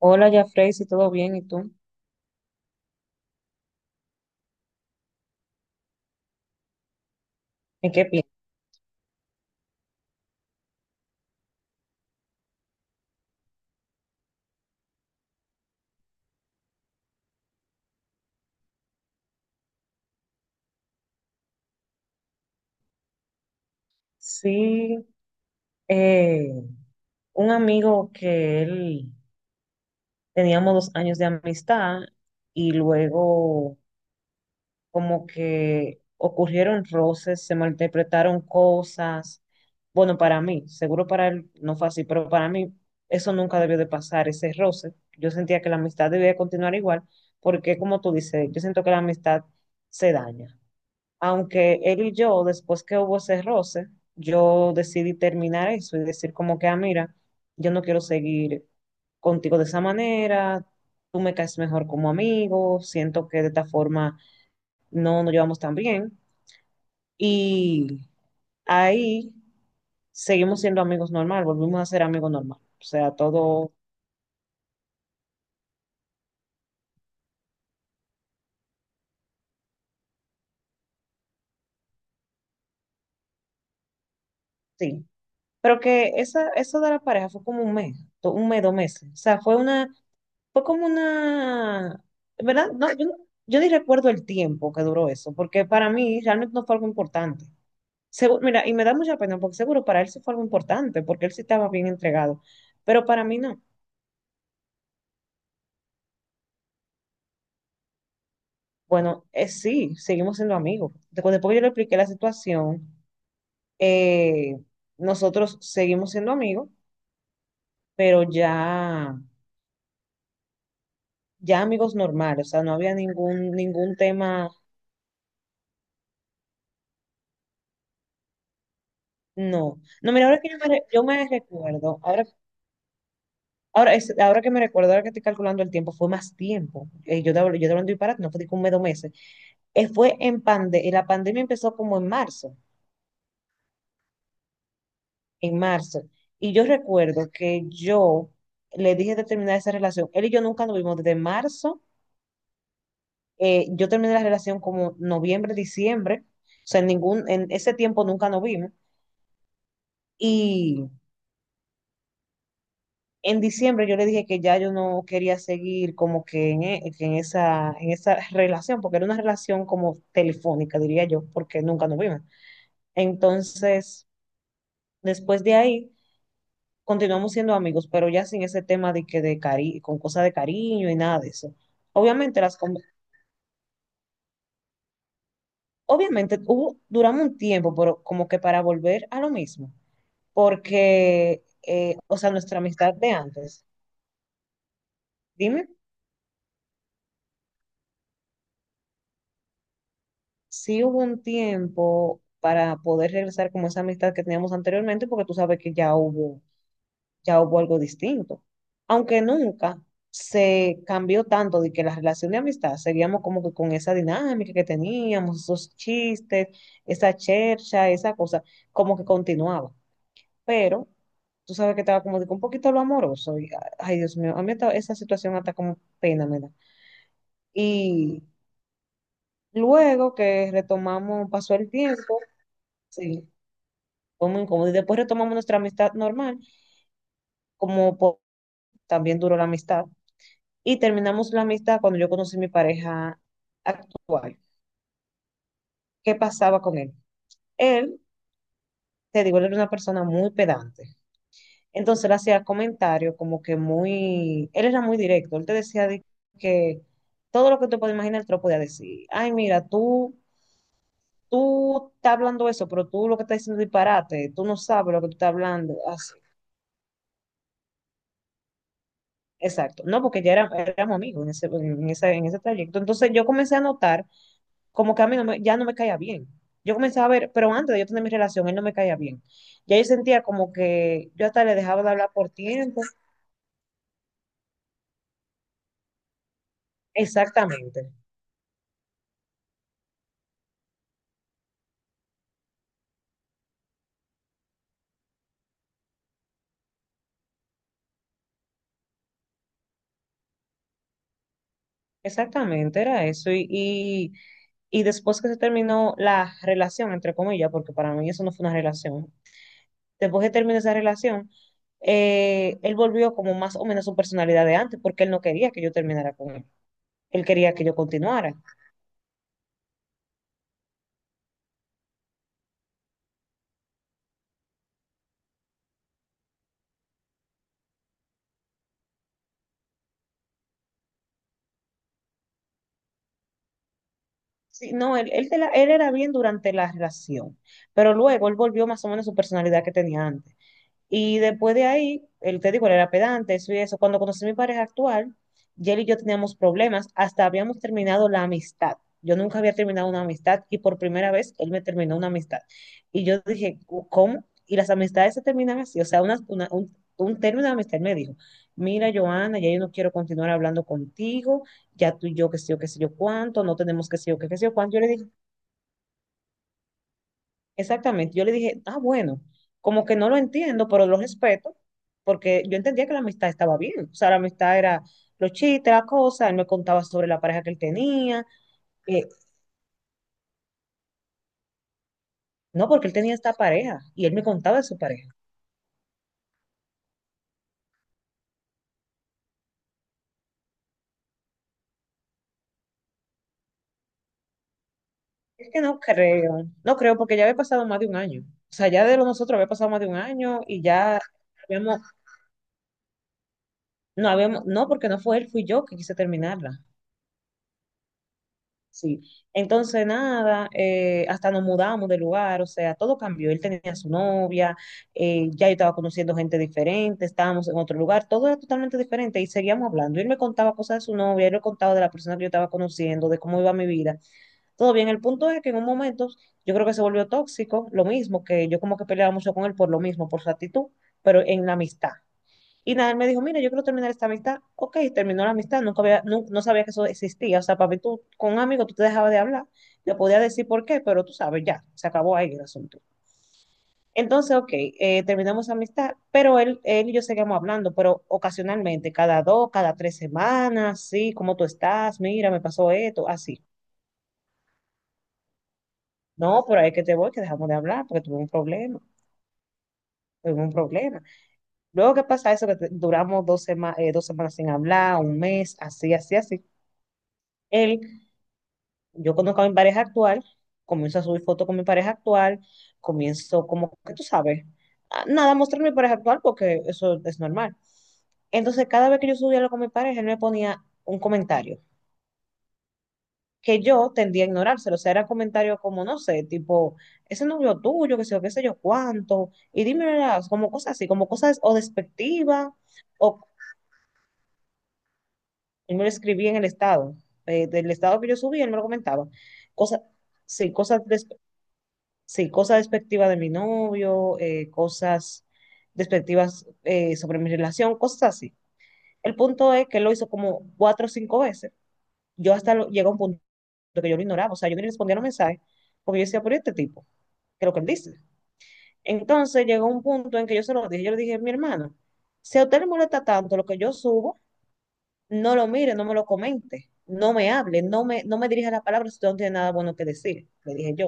Hola, Jafrey, si todo bien, ¿y tú? ¿En qué piensas? Sí, eh, un amigo que él teníamos 2 años de amistad y luego como que ocurrieron roces, se malinterpretaron cosas. Bueno, para mí, seguro para él no fue así, pero para mí eso nunca debió de pasar, ese roce. Yo sentía que la amistad debía de continuar igual, porque como tú dices, yo siento que la amistad se daña. Aunque él y yo, después que hubo ese roce, yo decidí terminar eso y decir como que, ah, mira, yo no quiero seguir contigo de esa manera, tú me caes mejor como amigo, siento que de esta forma no nos llevamos tan bien. Y ahí seguimos siendo amigos normal, volvimos a ser amigos normal. O sea, todo, sí. Pero que esa, eso de la pareja fue como un mes, un mes, 2 meses. O sea, fue como una, ¿verdad? No, yo ni recuerdo el tiempo que duró eso, porque para mí realmente no fue algo importante. Mira, y me da mucha pena, porque seguro para él sí fue algo importante, porque él sí estaba bien entregado, pero para mí no. Bueno, sí, seguimos siendo amigos. Después que yo le expliqué la situación, eh, nosotros seguimos siendo amigos, pero ya amigos normales, o sea, no había ningún tema, no. No, mira, ahora que yo me recuerdo, ahora. Ahora que me recuerdo, ahora que estoy calculando el tiempo, fue más tiempo. Yo te hablo de disparate, no fue de que un mes, dos meses. La pandemia empezó como en marzo. Y yo recuerdo que yo le dije de terminar esa relación. Él y yo nunca nos vimos desde marzo. Yo terminé la relación como noviembre, diciembre. O sea, en ese tiempo nunca nos vimos. Y en diciembre yo le dije que ya yo no quería seguir como que en, e- que en esa relación, porque era una relación como telefónica, diría yo, porque nunca nos vimos. Entonces, después de ahí, continuamos siendo amigos, pero ya sin ese tema de que de cari con cosas de cariño y nada de eso. Obviamente, las, con- obviamente hubo, duramos un tiempo, pero como que para volver a lo mismo, porque, o sea, nuestra amistad de antes. Dime. Sí hubo un tiempo para poder regresar como esa amistad que teníamos anteriormente, porque tú sabes que ya hubo algo distinto. Aunque nunca se cambió tanto de que la relación de amistad, seguíamos como que con esa dinámica que teníamos, esos chistes, esa chercha, esa cosa, como que continuaba. Pero tú sabes que estaba como de que un poquito lo amoroso. Y, ay, Dios mío, a mí esa situación hasta como pena me da. Y luego que retomamos, pasó el tiempo, sí. Fue muy incómodo. Y después retomamos nuestra amistad normal, como po- también duró la amistad. Y terminamos la amistad cuando yo conocí a mi pareja actual. ¿Qué pasaba con él? Él, te digo, él era una persona muy pedante. Entonces él hacía comentarios como que muy, él era muy directo. Él te decía de que todo lo que tú puedes imaginar, él te lo podía decir. Ay, mira, tú estás hablando eso, pero tú lo que estás diciendo es disparate. Tú no sabes lo que tú estás hablando. Así. Exacto, no, porque éramos amigos en ese trayecto. Entonces yo comencé a notar como que a mí no me- ya no me caía bien. Yo comencé a ver, pero antes de yo tener mi relación, él no me caía bien. Ya yo sentía como que yo hasta le dejaba de hablar por tiempo. Exactamente, exactamente, era eso. Y después que se terminó la relación, entre comillas, porque para mí eso no fue una relación, después que terminó esa relación, él volvió como más o menos su personalidad de antes, porque él no quería que yo terminara con él. Él quería que yo continuara. Sí, no, él era bien durante la relación, pero luego él volvió más o menos a su personalidad que tenía antes. Y después de ahí, el te digo, él era pedante, eso y eso. Cuando conocí a mi pareja actual, y él y yo teníamos problemas, hasta habíamos terminado la amistad. Yo nunca había terminado una amistad y por primera vez él me terminó una amistad. Y yo dije, ¿cómo? Y las amistades se terminan así. O sea, un término de amistad. Él me dijo, mira, Joana, ya yo no quiero continuar hablando contigo, ya tú y yo, qué sé yo, qué sé yo cuánto, no tenemos qué sé yo, qué sé yo cuánto. Yo le dije, exactamente. Yo le dije, ah, bueno, como que no lo entiendo, pero lo respeto, porque yo entendía que la amistad estaba bien. O sea, la amistad era los chistes, la cosa, él me contaba sobre la pareja que él tenía. eh, no, porque él tenía esta pareja y él me contaba de su pareja. Es que no creo, no creo, porque ya había pasado más de un año. O sea, ya de lo nosotros había pasado más de un año y ya habíamos, no habíamos, no, porque no fue él, fui yo que quise terminarla. Sí, entonces nada, hasta nos mudamos de lugar, o sea, todo cambió. Él tenía su novia, ya yo estaba conociendo gente diferente, estábamos en otro lugar, todo era totalmente diferente y seguíamos hablando. Él me contaba cosas de su novia, él me contaba de la persona que yo estaba conociendo, de cómo iba mi vida. Todo bien, el punto es que en un momento yo creo que se volvió tóxico, lo mismo, que yo como que peleaba mucho con él por lo mismo, por su actitud, pero en la amistad. Y nada, él me dijo, mira, yo quiero terminar esta amistad. Ok, terminó la amistad, nunca había, nu- no sabía que eso existía. O sea, para mí tú, con un amigo tú te dejabas de hablar, le podía decir por qué, pero tú sabes, ya, se acabó ahí el asunto. Entonces, ok, terminamos esa amistad, pero él y yo seguimos hablando, pero ocasionalmente, cada dos, cada 3 semanas, sí, ¿cómo tú estás? Mira, me pasó esto, así. No, pero ahí que te voy, que dejamos de hablar, porque tuve un problema, tuve un problema. Luego, ¿qué pasa? Eso duramos dos semanas sin hablar, un mes, así, así, así. Él Yo conozco a mi pareja actual, comienzo a subir fotos con mi pareja actual, comienzo como que tú sabes, a- nada, a mostrar mi pareja actual porque eso es normal. Entonces, cada vez que yo subía algo con mi pareja, él me ponía un comentario que yo tendía a ignorárselo. O sea, era comentario como, no sé, tipo, ese novio tuyo, que sé yo, qué sé yo cuánto, y dime, ¿verdad? Como cosas así, como cosas o despectivas, o él me lo escribía del estado que yo subí, él me lo comentaba. Cosas, sí, cosas Sí, cosas despectivas de mi novio, cosas despectivas sobre mi relación, cosas así. El punto es que él lo hizo como 4 o 5 veces. Yo llegó a un punto que yo lo ignoraba, o sea, yo ni respondía a los mensajes porque yo decía, por este tipo, que es lo que él dice. Entonces llegó un punto en que yo se lo dije, yo le dije, mi hermano, si a usted le molesta tanto lo que yo subo, no lo mire, no me lo comente, no me hable, no me dirija la palabra si usted no tiene nada bueno que decir, le dije yo.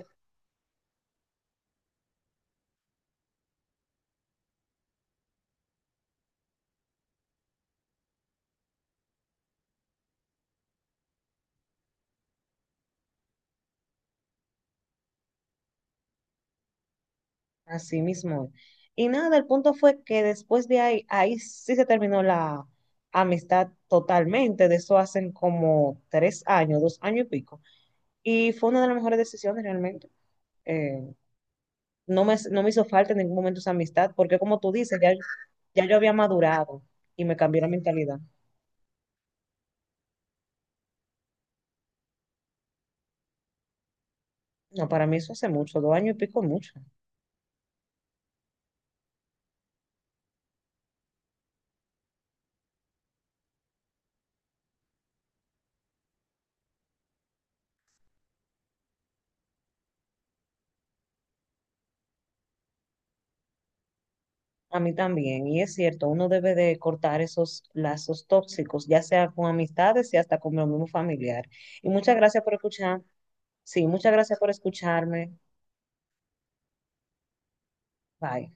Así mismo. Y nada, el punto fue que después de ahí, ahí sí se terminó la amistad totalmente. De eso hacen como 3 años, 2 años y pico. Y fue una de las mejores decisiones realmente. Eh, no me hizo falta en ningún momento esa amistad, porque como tú dices, ya yo había madurado y me cambió la mentalidad. No, para mí eso hace mucho, 2 años y pico es mucho. A mí también, y es cierto, uno debe de cortar esos lazos tóxicos, ya sea con amistades y hasta con lo mismo familiar. Y muchas gracias por escuchar. Sí, muchas gracias por escucharme. Bye.